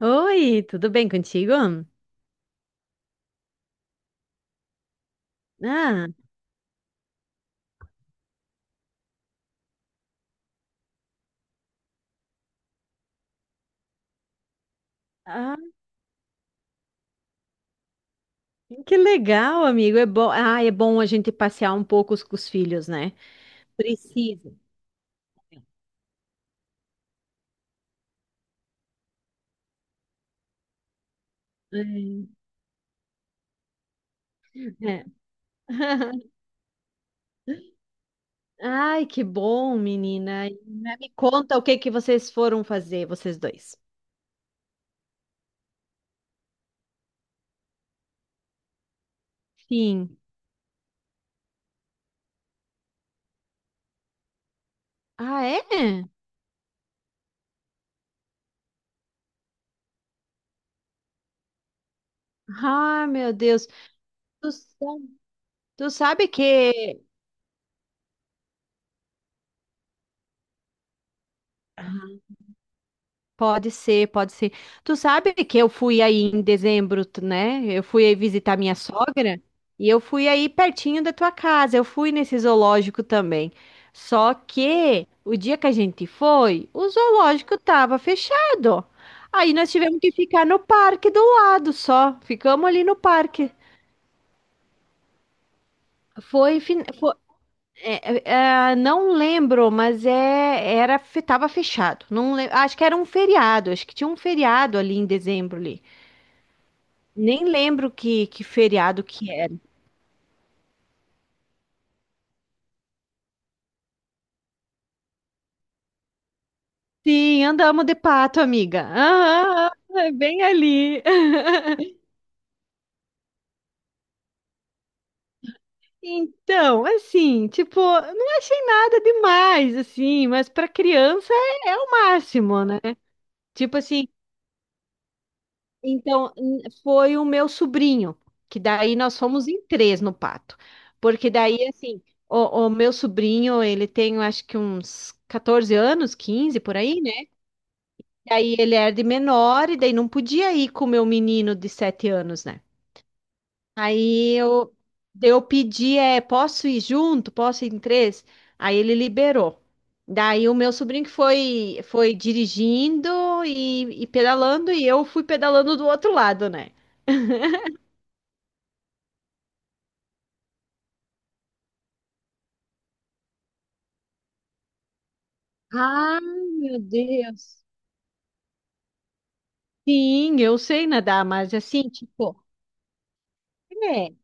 Oi, tudo bem contigo? Ah, ah, que legal, amigo. É bom a gente passear um pouco com os filhos, né? Precisa. É. É. Ai, que bom, menina. E, né, me conta o que que vocês foram fazer, vocês dois. Sim. Ah, é? Ah, meu Deus. Tu, sa- tu sabe que. Pode ser, pode ser. Tu sabe que eu fui aí em dezembro, né? Eu fui aí visitar minha sogra e eu fui aí pertinho da tua casa. Eu fui nesse zoológico também. Só que o dia que a gente foi, o zoológico tava fechado. Aí nós tivemos que ficar no parque do lado só. Ficamos ali no parque. Foi, fin- fo- é, é, é, não lembro, mas era, tava fechado. Não, acho que era um feriado, acho que tinha um feriado ali em dezembro ali. Nem lembro que feriado que era. Sim, andamos de pato, amiga. Ah, é bem ali. Então, assim, tipo, não achei nada demais, assim, mas para criança é o máximo, né? Tipo assim, então foi o meu sobrinho, que daí nós fomos em três no pato. Porque daí, assim, o meu sobrinho, ele tem, eu acho que uns 14 anos, 15 por aí, né? E aí ele era de menor e daí não podia ir com o meu menino de 7 anos, né? Aí eu, daí eu pedi, posso ir junto? Posso ir em três? Aí ele liberou. Daí o meu sobrinho que foi dirigindo e pedalando e eu fui pedalando do outro lado, né? Ai, meu Deus. Sim, eu sei nadar, mas assim, tipo, é.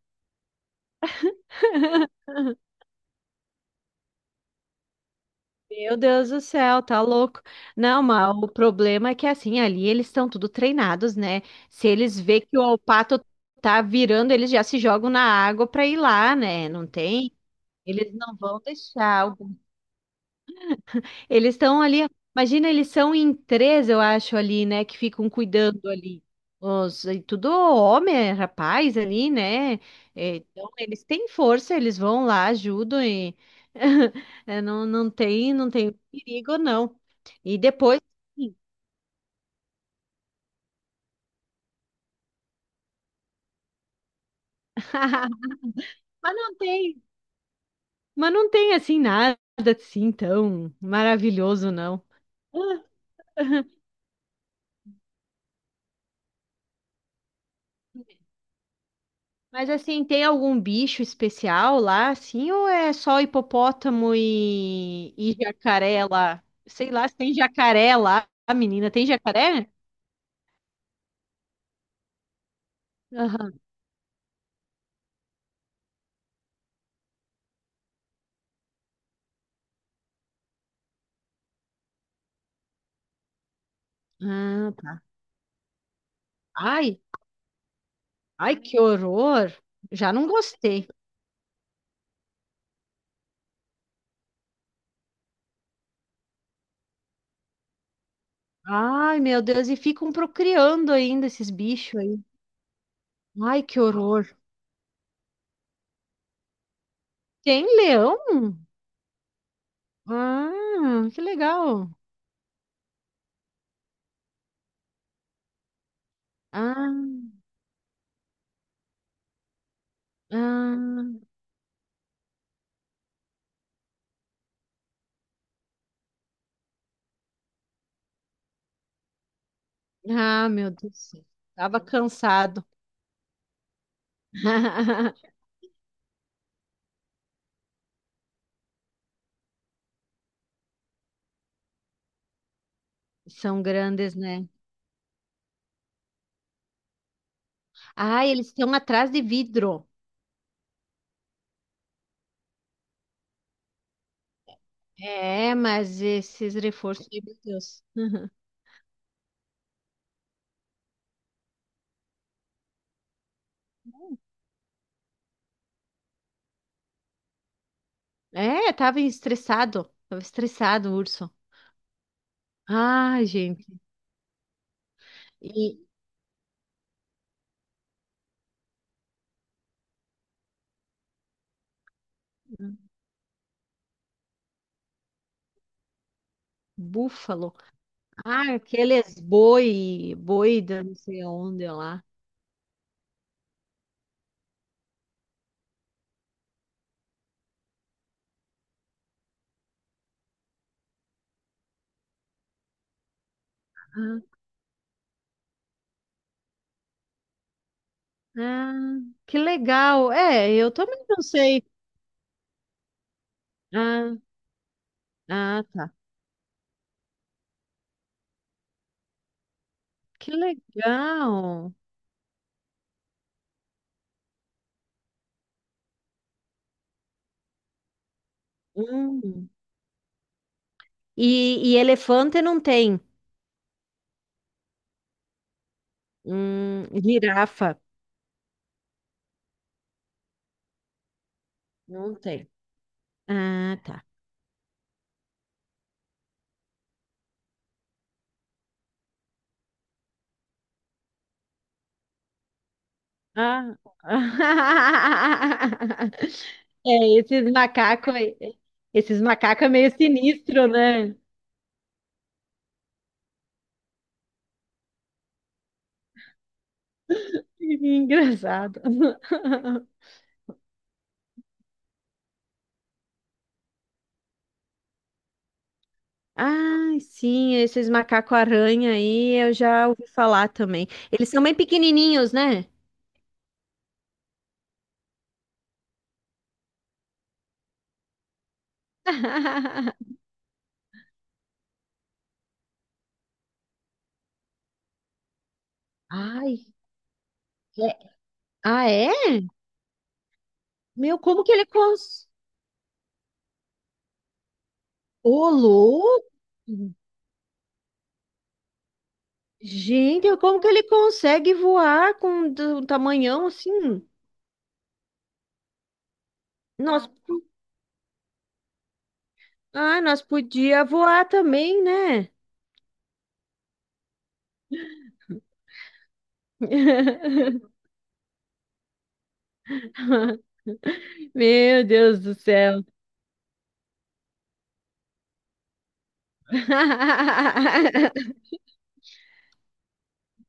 Meu Deus do céu, tá louco. Não, mas o problema é que assim, ali eles estão tudo treinados, né? Se eles vê que o pato tá virando, eles já se jogam na água pra ir lá, né? Não tem? Eles não vão deixar. Eles estão ali, imagina, eles são em três, eu acho, ali, né, que ficam cuidando ali. E tudo homem, é rapaz ali, né? É, então, eles têm força, eles vão lá, ajudam e não, não tem perigo, não. E depois, sim. mas não tem, mas não tem assim nada assim tão maravilhoso, não. Mas assim, tem algum bicho especial lá, assim, ou é só hipopótamo e jacaré lá? Sei lá se tem jacaré lá, a menina. Tem jacaré? Aham. Ah, tá. Ai, ai, que horror! Já não gostei. Ai, meu Deus, e ficam procriando ainda esses bichos aí. Ai, que horror! Tem leão? Ah, que legal! Ah, ah, ah, meu Deus do céu. Tava cansado. São grandes, né? Ah, eles estão atrás de vidro. É, mas esses reforços, meu Deus. Uhum. É, tava estressado. Tava estressado o urso. Ah, gente. E búfalo. Ah, aqueles boi, boi da não sei onde lá. Ah, ah, que legal. É, eu também não sei. Ah, ah, tá. Que legal. Hum. E elefante não tem. Girafa. Não tem. Ah, tá. Ah. É, esses macacos é meio sinistro, né? Engraçado. Ai, sim, esses macaco aranha aí eu já ouvi falar também. Eles são bem pequenininhos, né? Ai, é- ah, é? Meu, como que ele cons... Ô, louco! Gente, como que ele consegue voar com um tamanhão assim? Nós, nós podia voar também, né? Meu Deus do céu.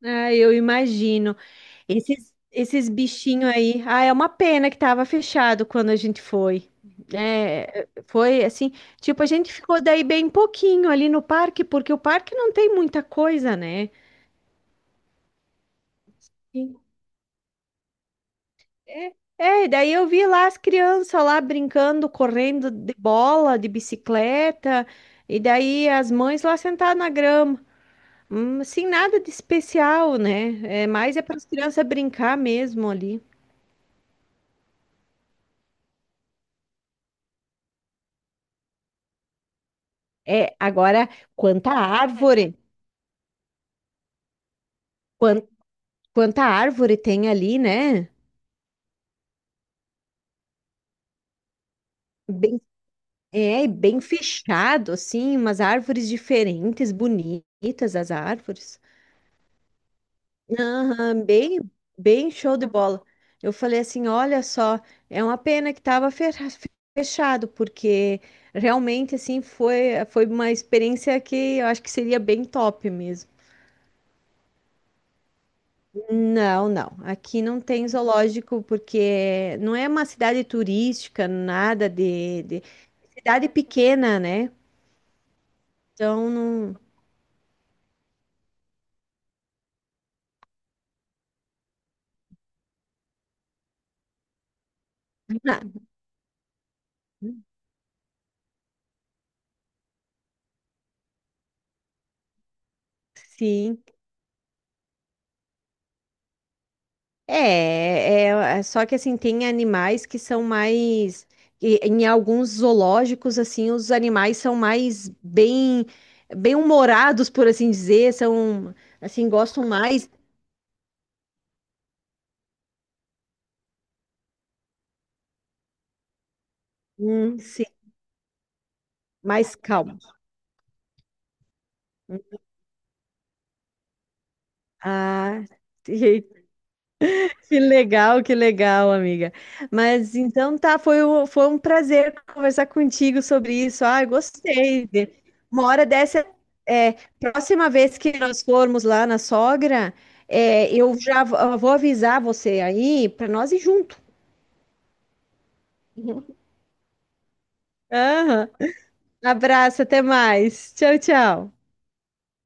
Ah, eu imagino. Esses bichinhos aí. Ah, é uma pena que tava fechado quando a gente foi. É, foi assim, tipo, a gente ficou daí bem pouquinho ali no parque, porque o parque não tem muita coisa, né? É, e daí eu vi lá as crianças lá brincando, correndo de bola, de bicicleta, e daí as mães lá sentadas na grama. Sem nada de especial, né? É, mais é para as crianças brincar mesmo ali. É, agora, quanta árvore, quan- quanta árvore tem ali, né? Bem, bem fechado, assim, umas árvores diferentes, bonitas as árvores. Aham, bem, bem show de bola. Eu falei assim, olha só, é uma pena que estava fechado, porque realmente assim foi uma experiência que eu acho que seria bem top mesmo. Não, não. Aqui não tem zoológico porque não é uma cidade turística, nada de, cidade pequena, né? Então não. Sim. É, só que assim, tem animais que são mais. Em alguns zoológicos, assim, os animais são mais bem, humorados, por assim dizer, são, assim, gostam mais, sim, mais calmos. Ah, que legal, que legal, amiga. Mas então tá, foi um prazer conversar contigo sobre isso. Ah, gostei. Uma hora dessa, é, próxima vez que nós formos lá na sogra, eu vou avisar você aí para nós ir junto. Aham. Abraço, até mais. Tchau, tchau.